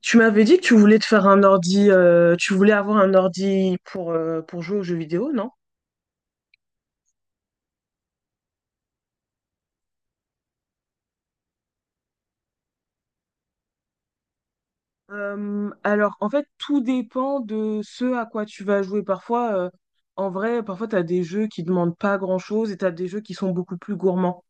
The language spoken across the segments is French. Tu m'avais dit que tu voulais te faire un ordi, tu voulais avoir un ordi pour jouer aux jeux vidéo, non? Alors, en fait, tout dépend de ce à quoi tu vas jouer. Parfois, en vrai, parfois, tu as des jeux qui demandent pas grand-chose et tu as des jeux qui sont beaucoup plus gourmands.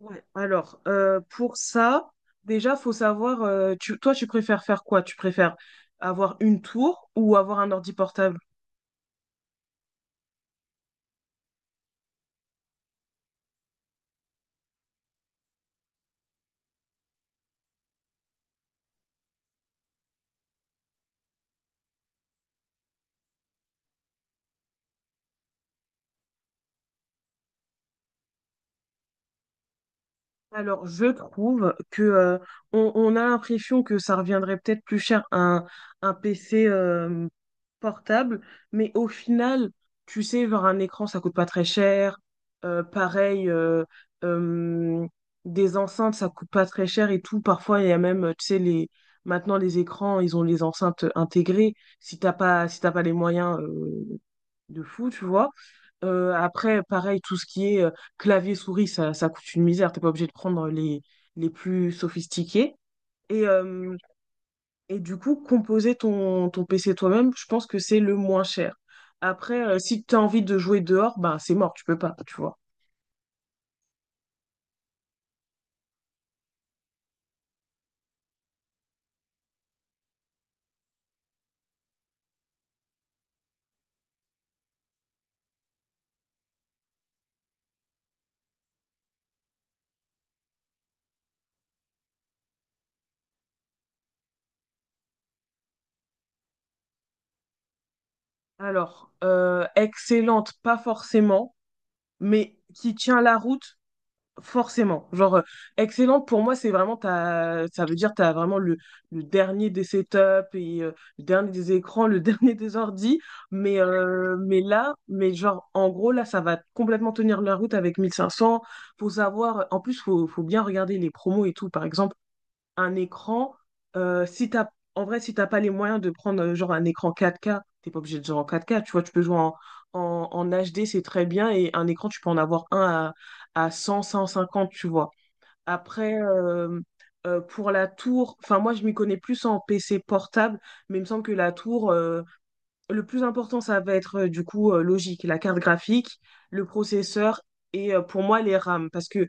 Ouais. Alors, pour ça, déjà, faut savoir, toi, tu préfères faire quoi? Tu préfères avoir une tour ou avoir un ordi portable? Alors, je trouve que on a l'impression que ça reviendrait peut-être plus cher un PC portable, mais au final, tu sais, genre un écran, ça coûte pas très cher. Euh, pareil, euh, euh, des enceintes, ça coûte pas très cher et tout. Parfois, il y a même, tu sais, les maintenant les écrans, ils ont les enceintes intégrées. Si t'as pas, si t'as pas les moyens, de fou, tu vois. Après, pareil, tout ce qui est clavier-souris, ça coûte une misère. T'es pas obligé de prendre les plus sophistiqués. Et, euh, et du coup, composer ton, ton PC toi-même, je pense que c'est le moins cher. Après, si tu as envie de jouer dehors, ben c'est mort, tu peux pas, tu vois. Excellente, pas forcément, mais qui tient la route, forcément. Excellente, pour moi, c'est vraiment, t'as, ça veut dire tu as vraiment le dernier des setups, et, euh, le dernier des écrans, le dernier des ordis. Mais là, mais genre, en gros, là, ça va complètement tenir la route avec 1 500. Faut savoir, en plus, faut, faut bien regarder les promos et tout. Par exemple, un écran, si t'as, en vrai, si t'as pas les moyens de prendre genre un écran 4K, t'es pas obligé de jouer en 4K, tu vois, tu peux jouer en, en, en HD, c'est très bien, et un écran, tu peux en avoir un à cent 150, tu vois. Après, euh, pour la tour, enfin, moi, je m'y connais plus en PC portable, mais il me semble que la tour, le plus important, ça va être logique, la carte graphique, le processeur et pour moi les RAM. Parce que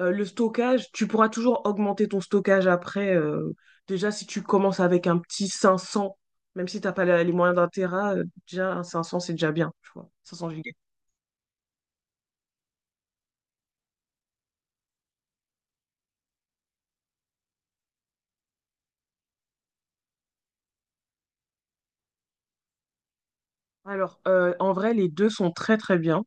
le stockage, tu pourras toujours augmenter ton stockage après. Déjà, si tu commences avec un petit 500, même si t'as pas la- les moyens d'un téra, déjà un 500, c'est déjà bien, tu vois, 500 gigas. En vrai, les deux sont très très bien.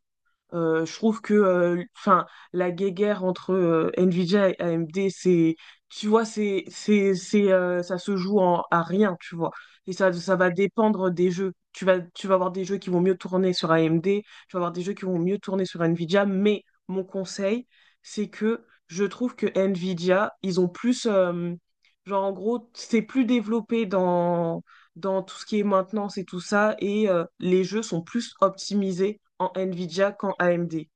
Je trouve que enfin, la guéguerre entre Nvidia et AMD, c'est, tu vois, ça se joue en- à rien, tu vois. Et ça va dépendre des jeux. Tu vas avoir des jeux qui vont mieux tourner sur AMD, tu vas avoir des jeux qui vont mieux tourner sur Nvidia, mais mon conseil, c'est que je trouve que Nvidia, ils ont plus, genre en gros, c'est plus développé dans dans tout ce qui est maintenance et tout ça, et les jeux sont plus optimisés en Nvidia qu'en AMD.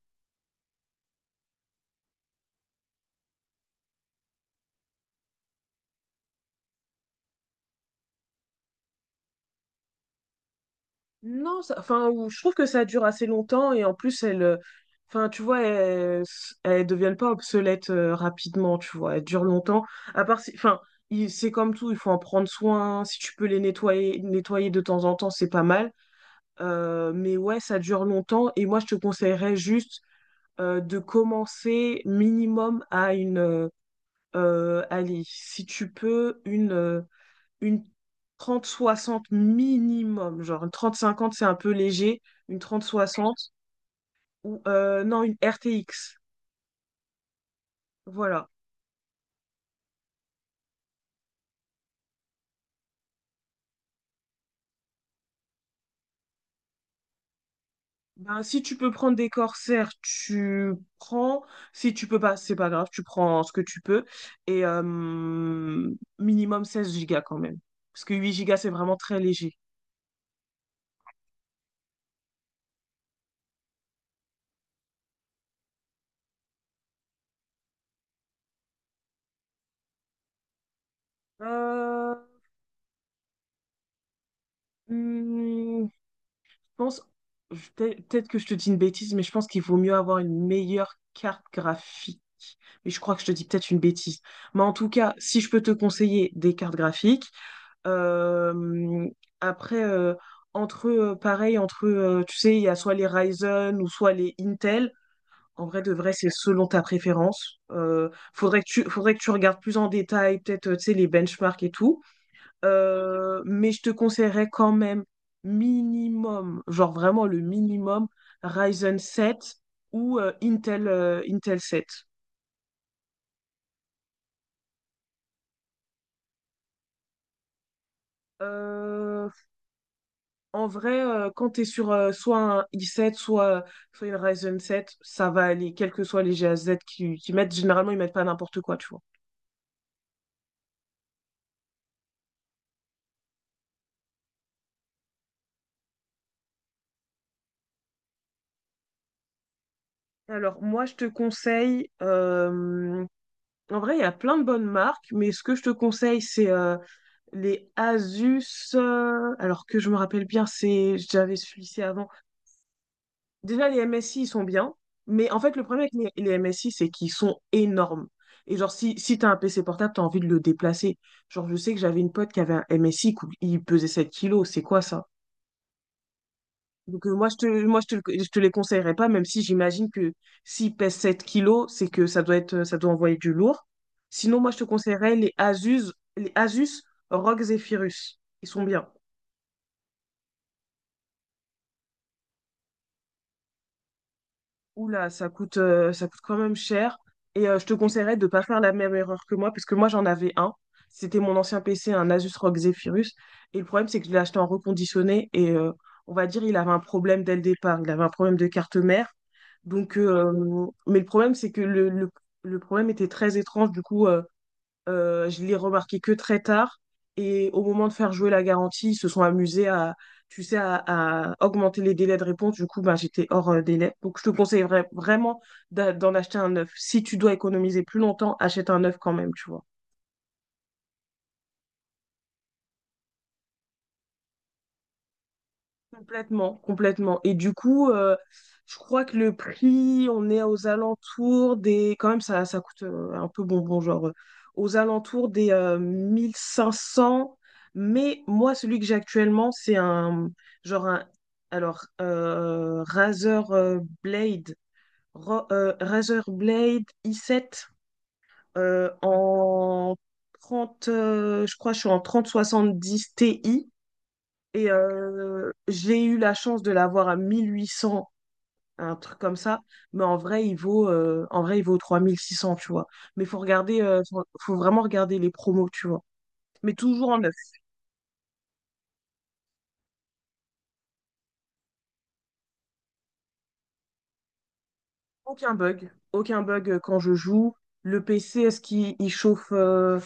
Non, ça- enfin, ou- Je trouve que ça dure assez longtemps et en plus, elles, enfin, tu vois, elles, elles deviennent pas obsolètes rapidement, tu vois, elles durent longtemps. À part, si- enfin, il- C'est comme tout, il faut en prendre soin. Si tu peux les nettoyer, nettoyer de temps en temps, c'est pas mal. Mais ouais, ça dure longtemps et moi, je te conseillerais juste de commencer minimum à une allez, si tu peux, une 3060 minimum. Genre, une 3050 c'est un peu léger. Une trente soixante ou non, une RTX. Voilà. Ben, si tu peux prendre des Corsair, tu prends. Si tu peux pas, c'est pas grave, tu prends ce que tu peux. Et euh, Minimum 16 Go quand même. Parce que 8 Go, c'est vraiment très léger. Euh, hmm, pense, Peut-être que je te dis une bêtise, mais je pense qu'il vaut mieux avoir une meilleure carte graphique. Mais je crois que je te dis peut-être une bêtise. Mais en tout cas, si je peux te conseiller des cartes graphiques, euh, après, euh, entre, pareil, entre, tu sais, il y a soit les Ryzen ou soit les Intel. En vrai, de vrai, c'est selon ta préférence. Faudrait que tu regardes plus en détail, peut-être, tu sais, les benchmarks et tout. Mais je te conseillerais quand même minimum, genre vraiment le minimum, Ryzen 7 ou Intel, Intel 7. Euh, Quand tu es sur soit un i7, soit, soit une Ryzen 7, ça va aller, quels que soient les G GAZ qui mettent. Généralement, ils mettent pas n'importe quoi, tu vois. Je te conseille, en vrai, il y a plein de bonnes marques, mais ce que je te conseille, c'est les Asus, alors que je me rappelle bien, c'est j'avais celui lycée avant. Déjà, les MSI, ils sont bien, mais en fait, le problème avec les MSI, c'est qu'ils sont énormes. Et genre, si, si t'as un PC portable, t'as envie de le déplacer. Genre, je sais que j'avais une pote qui avait un MSI, il pesait 7 kilos, c'est quoi ça? Donc, moi je te, le- Je te les conseillerais pas, même si j'imagine que s'il pèse 7 kilos, c'est que ça doit être, ça doit envoyer du lourd. Sinon, moi, je te conseillerais les Asus ROG Zephyrus. Ils sont bien. Oula, ça coûte quand même cher. Je te conseillerais de ne pas faire la même erreur que moi, parce que moi j'en avais un. C'était mon ancien PC, un Asus ROG Zephyrus. Et le problème, c'est que je l'ai acheté en reconditionné. On va dire, il avait un problème dès le départ. Il avait un problème de carte mère. Mais le problème, c'est que le problème était très étrange. Je l'ai remarqué que très tard. Et au moment de faire jouer la garantie, ils se sont amusés à, tu sais, à augmenter les délais de réponse. Du coup, ben, j'étais hors délai. Donc, je te conseillerais vraiment d'en acheter un neuf. Si tu dois économiser plus longtemps, achète un neuf quand même, tu vois. Complètement, complètement. Je crois que le prix, on est aux alentours des... Quand même, ça coûte un peu bonbon, genre aux alentours des 1 500. Mais moi, celui que j'ai actuellement, c'est un... Genre un... Razer Blade, Razer Blade i7 en 30 je crois que je suis en 3070 Ti. J'ai eu la chance de l'avoir à 1 800, un truc comme ça. Mais en vrai, il vaut, en vrai, il vaut 3 600, tu vois. Mais faut regarder, faut, faut vraiment regarder les promos, tu vois. Mais toujours en neuf. Aucun bug, aucun bug quand je joue. Le PC, est-ce qu'il il chauffe euh,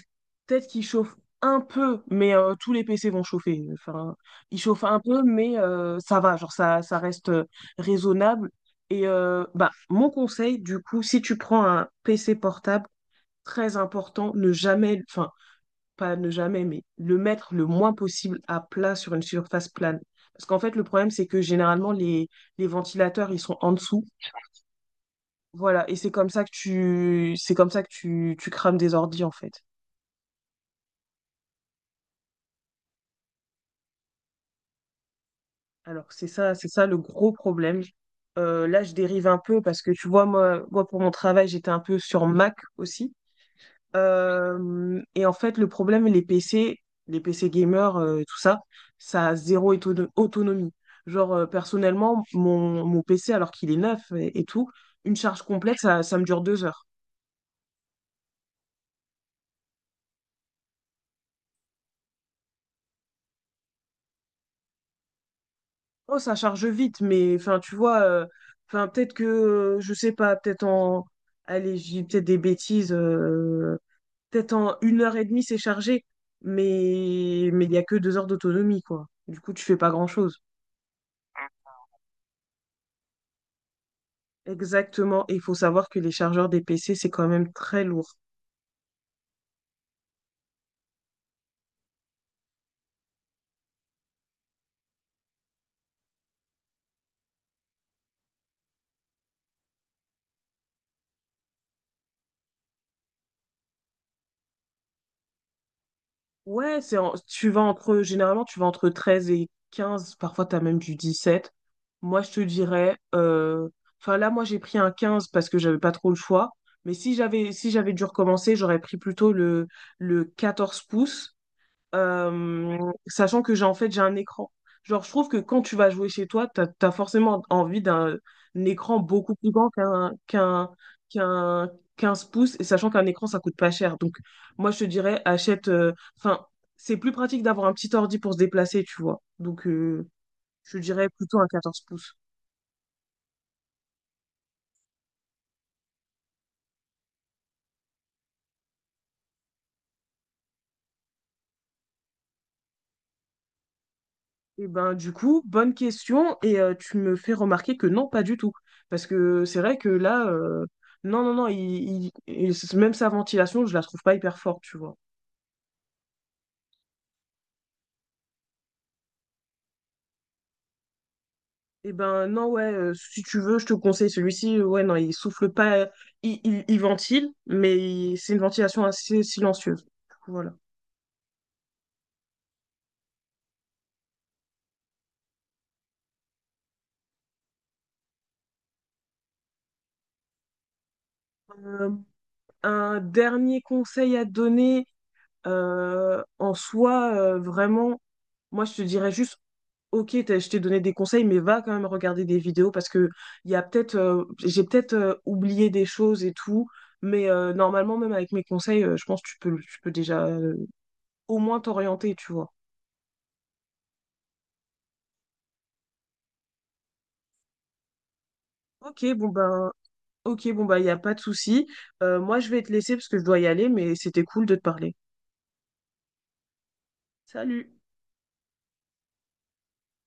Peut-être qu'il chauffe un peu, mais tous les PC vont chauffer. Enfin, il chauffe un peu, mais ça va, genre ça, ça reste raisonnable. Mon conseil, du coup, si tu prends un PC portable, très important, ne jamais, mais le mettre le moins possible à plat sur une surface plane. Parce qu'en fait, le problème, c'est que généralement, les ventilateurs, ils sont en dessous. Voilà, et c'est comme ça que tu crames des ordis en fait. Alors c'est ça le gros problème. Là, je dérive un peu parce que tu vois, moi, moi pour mon travail, j'étais un peu sur Mac aussi. Et en fait, le problème, les PC, les PC gamers, tout ça, ça a zéro autonomie. Genre, personnellement, mon PC, alors qu'il est neuf et tout, une charge complète, ça me dure 2 heures. Oh, ça charge vite, mais enfin, tu vois, enfin, peut-être que, je sais pas, peut-être en, allez, j'ai peut-être des bêtises, peut-être en 1 heure et demie, c'est chargé, mais il n'y a que 2 heures d'autonomie, quoi. Du coup, tu fais pas grand-chose. Exactement, et il faut savoir que les chargeurs des PC, c'est quand même très lourd. Ouais, tu vas entre, généralement, tu vas entre 13 et 15, parfois t'as même du 17. Moi, je te dirais, enfin là, moi, j'ai pris un 15 parce que j'avais pas trop le choix. Mais si j'avais dû recommencer, j'aurais pris plutôt le 14 pouces euh, sachant que j'ai en fait j'ai un écran. Genre, je trouve que quand tu vas jouer chez toi, t'as, t'as forcément envie d'un un écran beaucoup plus grand qu'un 15 pouces, et sachant qu'un écran, ça coûte pas cher. Donc, moi, je te dirais, achète. Enfin, c'est plus pratique d'avoir un petit ordi pour se déplacer, tu vois. Donc, je te dirais plutôt un 14 pouces. Et ben du coup, bonne question et tu me fais remarquer que non, pas du tout. Parce que c'est vrai que là, non, non, non, même sa ventilation, je la trouve pas hyper forte, tu vois. Et ben non, ouais, si tu veux, je te conseille celui-ci. Ouais, non, il souffle pas, il ventile, c'est une ventilation assez silencieuse. Du coup, voilà. Euh, un dernier conseil à te donner, en soi, vraiment, moi je te dirais juste ok, je t'ai donné des conseils, mais va quand même regarder des vidéos parce que il y a peut-être, j'ai peut-être oublié des choses et tout, mais normalement même avec mes conseils, je pense que tu peux déjà au moins t'orienter, tu vois. Ok, bon ben, il y a pas de souci. Moi, je vais te laisser parce que je dois y aller, mais c'était cool de te parler. Salut.